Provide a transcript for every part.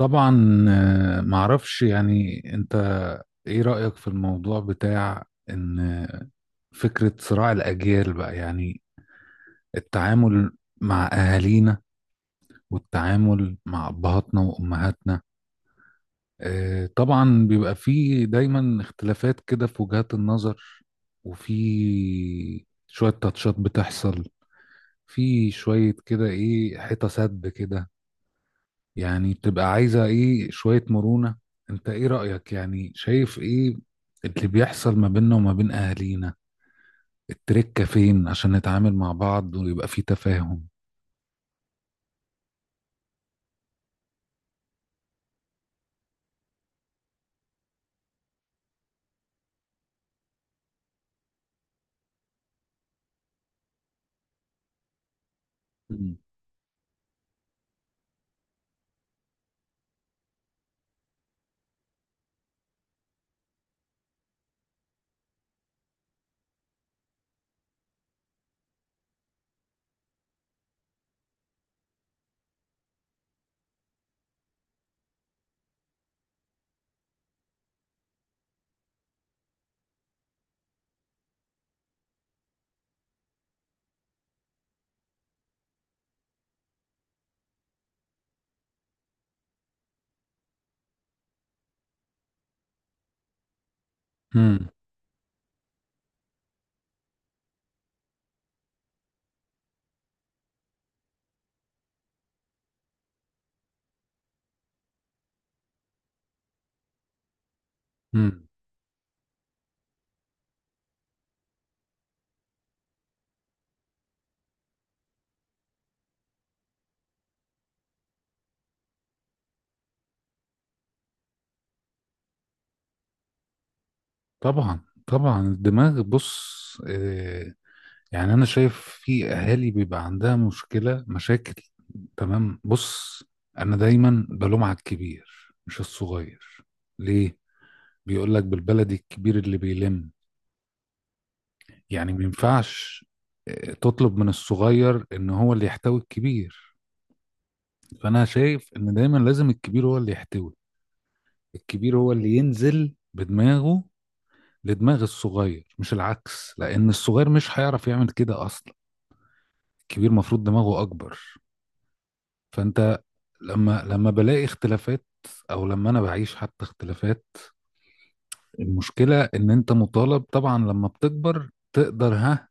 طبعا، معرفش، يعني انت ايه رأيك في الموضوع بتاع ان فكرة صراع الأجيال بقى؟ يعني التعامل مع أهالينا، والتعامل مع أبهاتنا وأمهاتنا. طبعا بيبقى فيه دايما اختلافات كده في وجهات النظر، وفي شوية تاتشات بتحصل، في شوية كده، ايه، حيطة سد كده يعني، بتبقى عايزة ايه، شوية مرونة. انت ايه رأيك؟ يعني شايف ايه اللي بيحصل ما بيننا وما بين اهالينا؟ التركة فين عشان نتعامل مع بعض ويبقى في تفاهم؟ مم. امم. امم. طبعا، طبعا، الدماغ، بص، يعني انا شايف في اهالي بيبقى عندها مشكلة، مشاكل، تمام. بص، انا دايما بلوم على الكبير مش الصغير. ليه؟ بيقول لك بالبلدي الكبير اللي بيلم، يعني ما ينفعش تطلب من الصغير ان هو اللي يحتوي الكبير. فانا شايف ان دايما لازم الكبير هو اللي يحتوي، الكبير هو اللي ينزل بدماغه لدماغ الصغير، مش العكس، لان الصغير مش هيعرف يعمل كده اصلا، الكبير مفروض دماغه اكبر. فانت لما بلاقي اختلافات، او لما انا بعيش حتى اختلافات، المشكلة ان انت مطالب طبعا لما بتكبر تقدر، ها،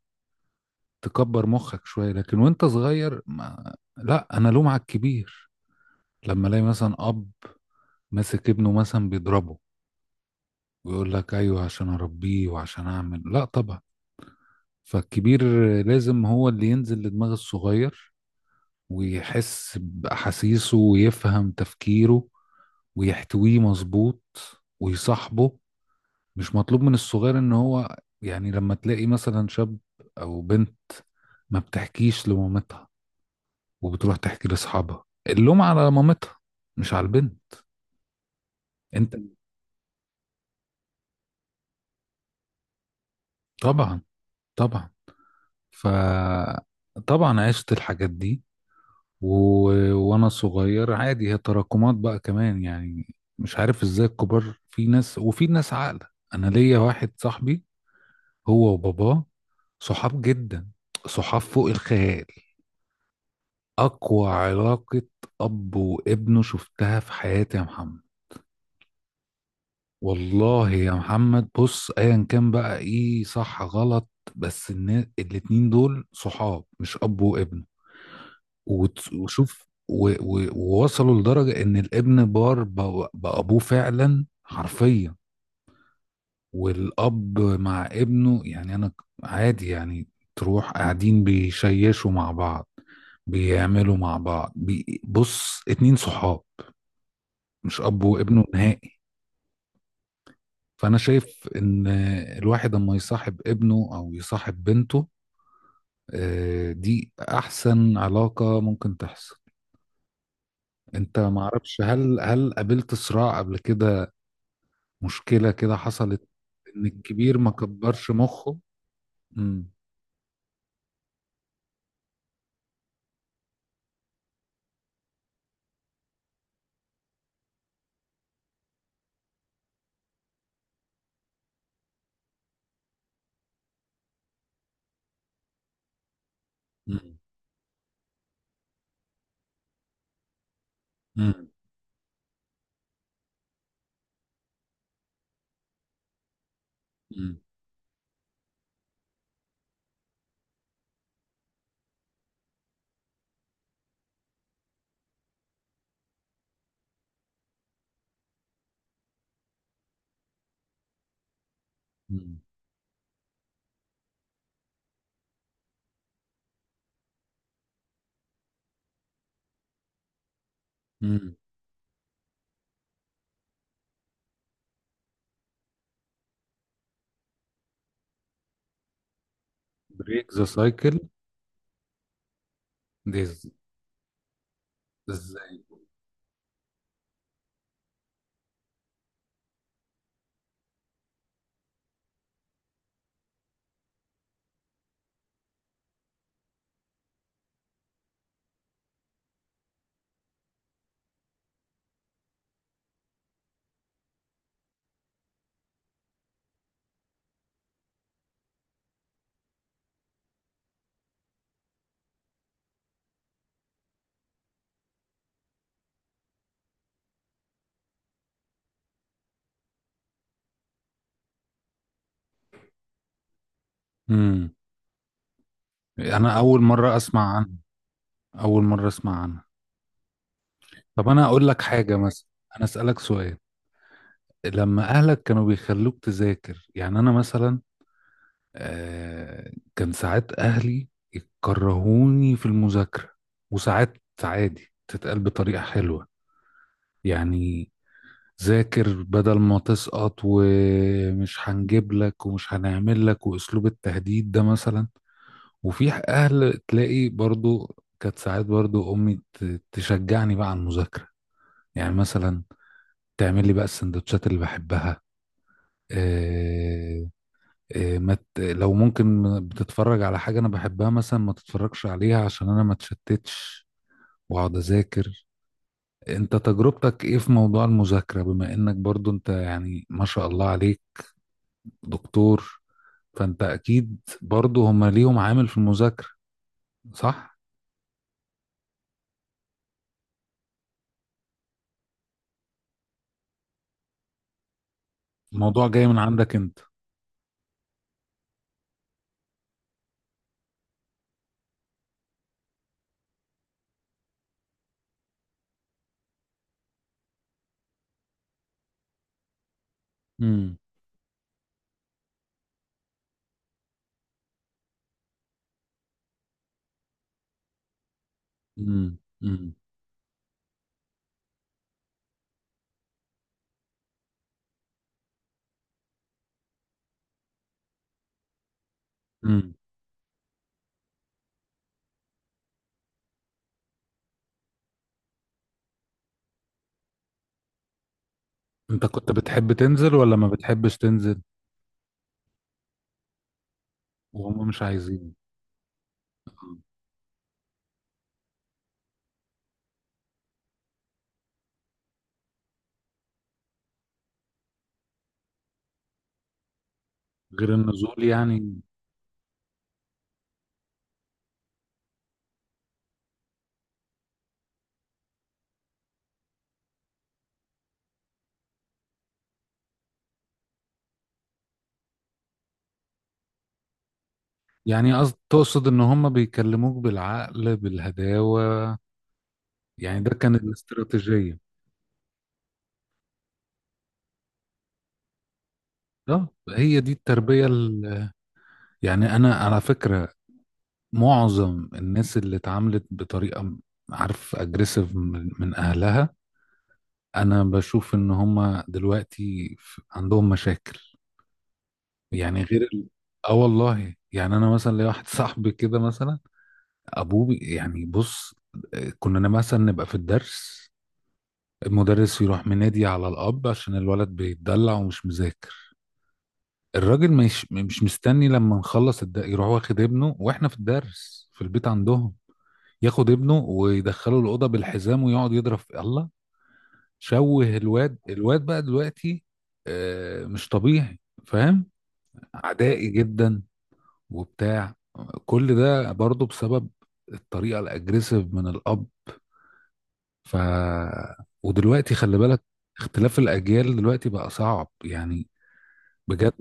تكبر مخك شوية، لكن وانت صغير ما... لا، انا لوم على الكبير. لما الاقي مثلا اب ماسك ابنه مثلا بيضربه، ويقول لك ايوه عشان اربيه وعشان اعمل، لا طبعا، فالكبير لازم هو اللي ينزل لدماغ الصغير، ويحس باحاسيسه، ويفهم تفكيره، ويحتويه مظبوط، ويصاحبه. مش مطلوب من الصغير ان هو، يعني لما تلاقي مثلا شاب او بنت ما بتحكيش لمامتها وبتروح تحكي لاصحابها، اللوم على مامتها مش على البنت. انت. طبعا. طبعا. ف، طبعا عشت الحاجات دي و... وانا صغير، عادي، هي تراكمات بقى كمان، يعني مش عارف ازاي، الكبار في ناس وفي ناس عاقله. انا ليا واحد صاحبي، هو وباباه، صحاب جدا، صحاب فوق الخيال، اقوى علاقه اب وابنه شفتها في حياتي يا محمد. والله يا محمد، بص، ايا كان بقى ايه صح غلط، بس الاتنين دول صحاب مش اب وابن. ووصلوا لدرجة ان الابن بار بابوه فعلا، حرفيا. والاب مع ابنه يعني انا عادي، يعني تروح قاعدين بيشيشوا مع بعض، بيعملوا مع بعض، بص، اتنين صحاب، مش اب وابنه نهائي. فأنا شايف إن الواحد لما يصاحب ابنه أو يصاحب بنته، دي أحسن علاقة ممكن تحصل. أنت معرفش، هل قابلت صراع قبل كده؟ مشكلة كده حصلت؟ إن الكبير ما كبرش مخه. مم. مم. مم. مم. مم. مم. بريك ذا سايكل، دي إزاي؟ مم. أنا أول مرة أسمع عنها، أول مرة أسمع عنها. طب أنا أقول لك حاجة مثلا، أنا أسألك سؤال. لما اهلك كانوا بيخلوك تذاكر، يعني انا مثلا كان ساعات اهلي يكرهوني في المذاكره، وساعات عادي تتقال بطريقه حلوه، يعني ذاكر بدل ما تسقط، ومش هنجيب لك ومش هنعمل لك، واسلوب التهديد ده مثلا. وفي اهل تلاقي برضو، كانت ساعات برضو امي تشجعني بقى على المذاكره، يعني مثلا تعمل لي بقى السندوتشات اللي بحبها، آه، إيه، ما ت- لو ممكن بتتفرج على حاجة أنا بحبها مثلا ما تتفرجش عليها عشان أنا ما اتشتتش وأقعد أذاكر. أنت تجربتك إيه في موضوع المذاكرة، بما إنك برضو أنت، يعني ما شاء الله عليك دكتور، فأنت أكيد برضو هما ليهم عامل في المذاكرة، صح؟ الموضوع جاي من عندك أنت. امم. امم. امم. امم. أنت كنت بتحب تنزل ولا ما بتحبش تنزل؟ وهم مش عايزين. غير النزول، يعني. يعني قصد تقصد ان هم بيكلموك بالعقل، بالهداوة، يعني ده كان الاستراتيجية. ده هي دي التربية يعني انا على فكرة معظم الناس اللي اتعاملت بطريقة عارف، اجريسيف، من اهلها، انا بشوف ان هم دلوقتي عندهم مشاكل، يعني غير اه، والله، يعني انا مثلا ليا واحد صاحبي كده مثلا، ابوه يعني بص، كنا مثلا نبقى في الدرس، المدرس يروح منادي على الأب عشان الولد بيتدلع ومش مذاكر، الراجل مش مستني لما نخلص يروح واخد ابنه واحنا في الدرس في البيت عندهم، ياخد ابنه ويدخله الأوضة بالحزام ويقعد يضرب في الله، شوه الواد. الواد بقى دلوقتي مش طبيعي، فاهم؟ عدائي جدا وبتاع. كل ده برضه بسبب الطريقة الأجريسيف من الأب. ف، ودلوقتي خلي بالك، اختلاف الأجيال دلوقتي بقى صعب، يعني بجد.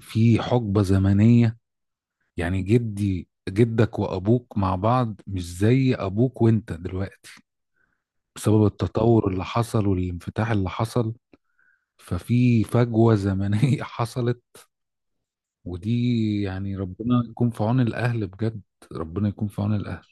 في حقبة زمنية، يعني جدي جدك وأبوك مع بعض مش زي أبوك وأنت دلوقتي، بسبب التطور اللي حصل والانفتاح اللي حصل. ففي فجوة زمنية حصلت، ودي يعني ربنا يكون في عون الأهل، بجد، ربنا يكون في عون الأهل.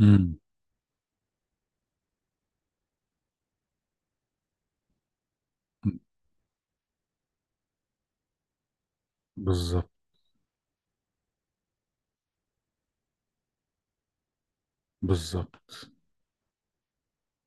امم. بالظبط. بالظبط.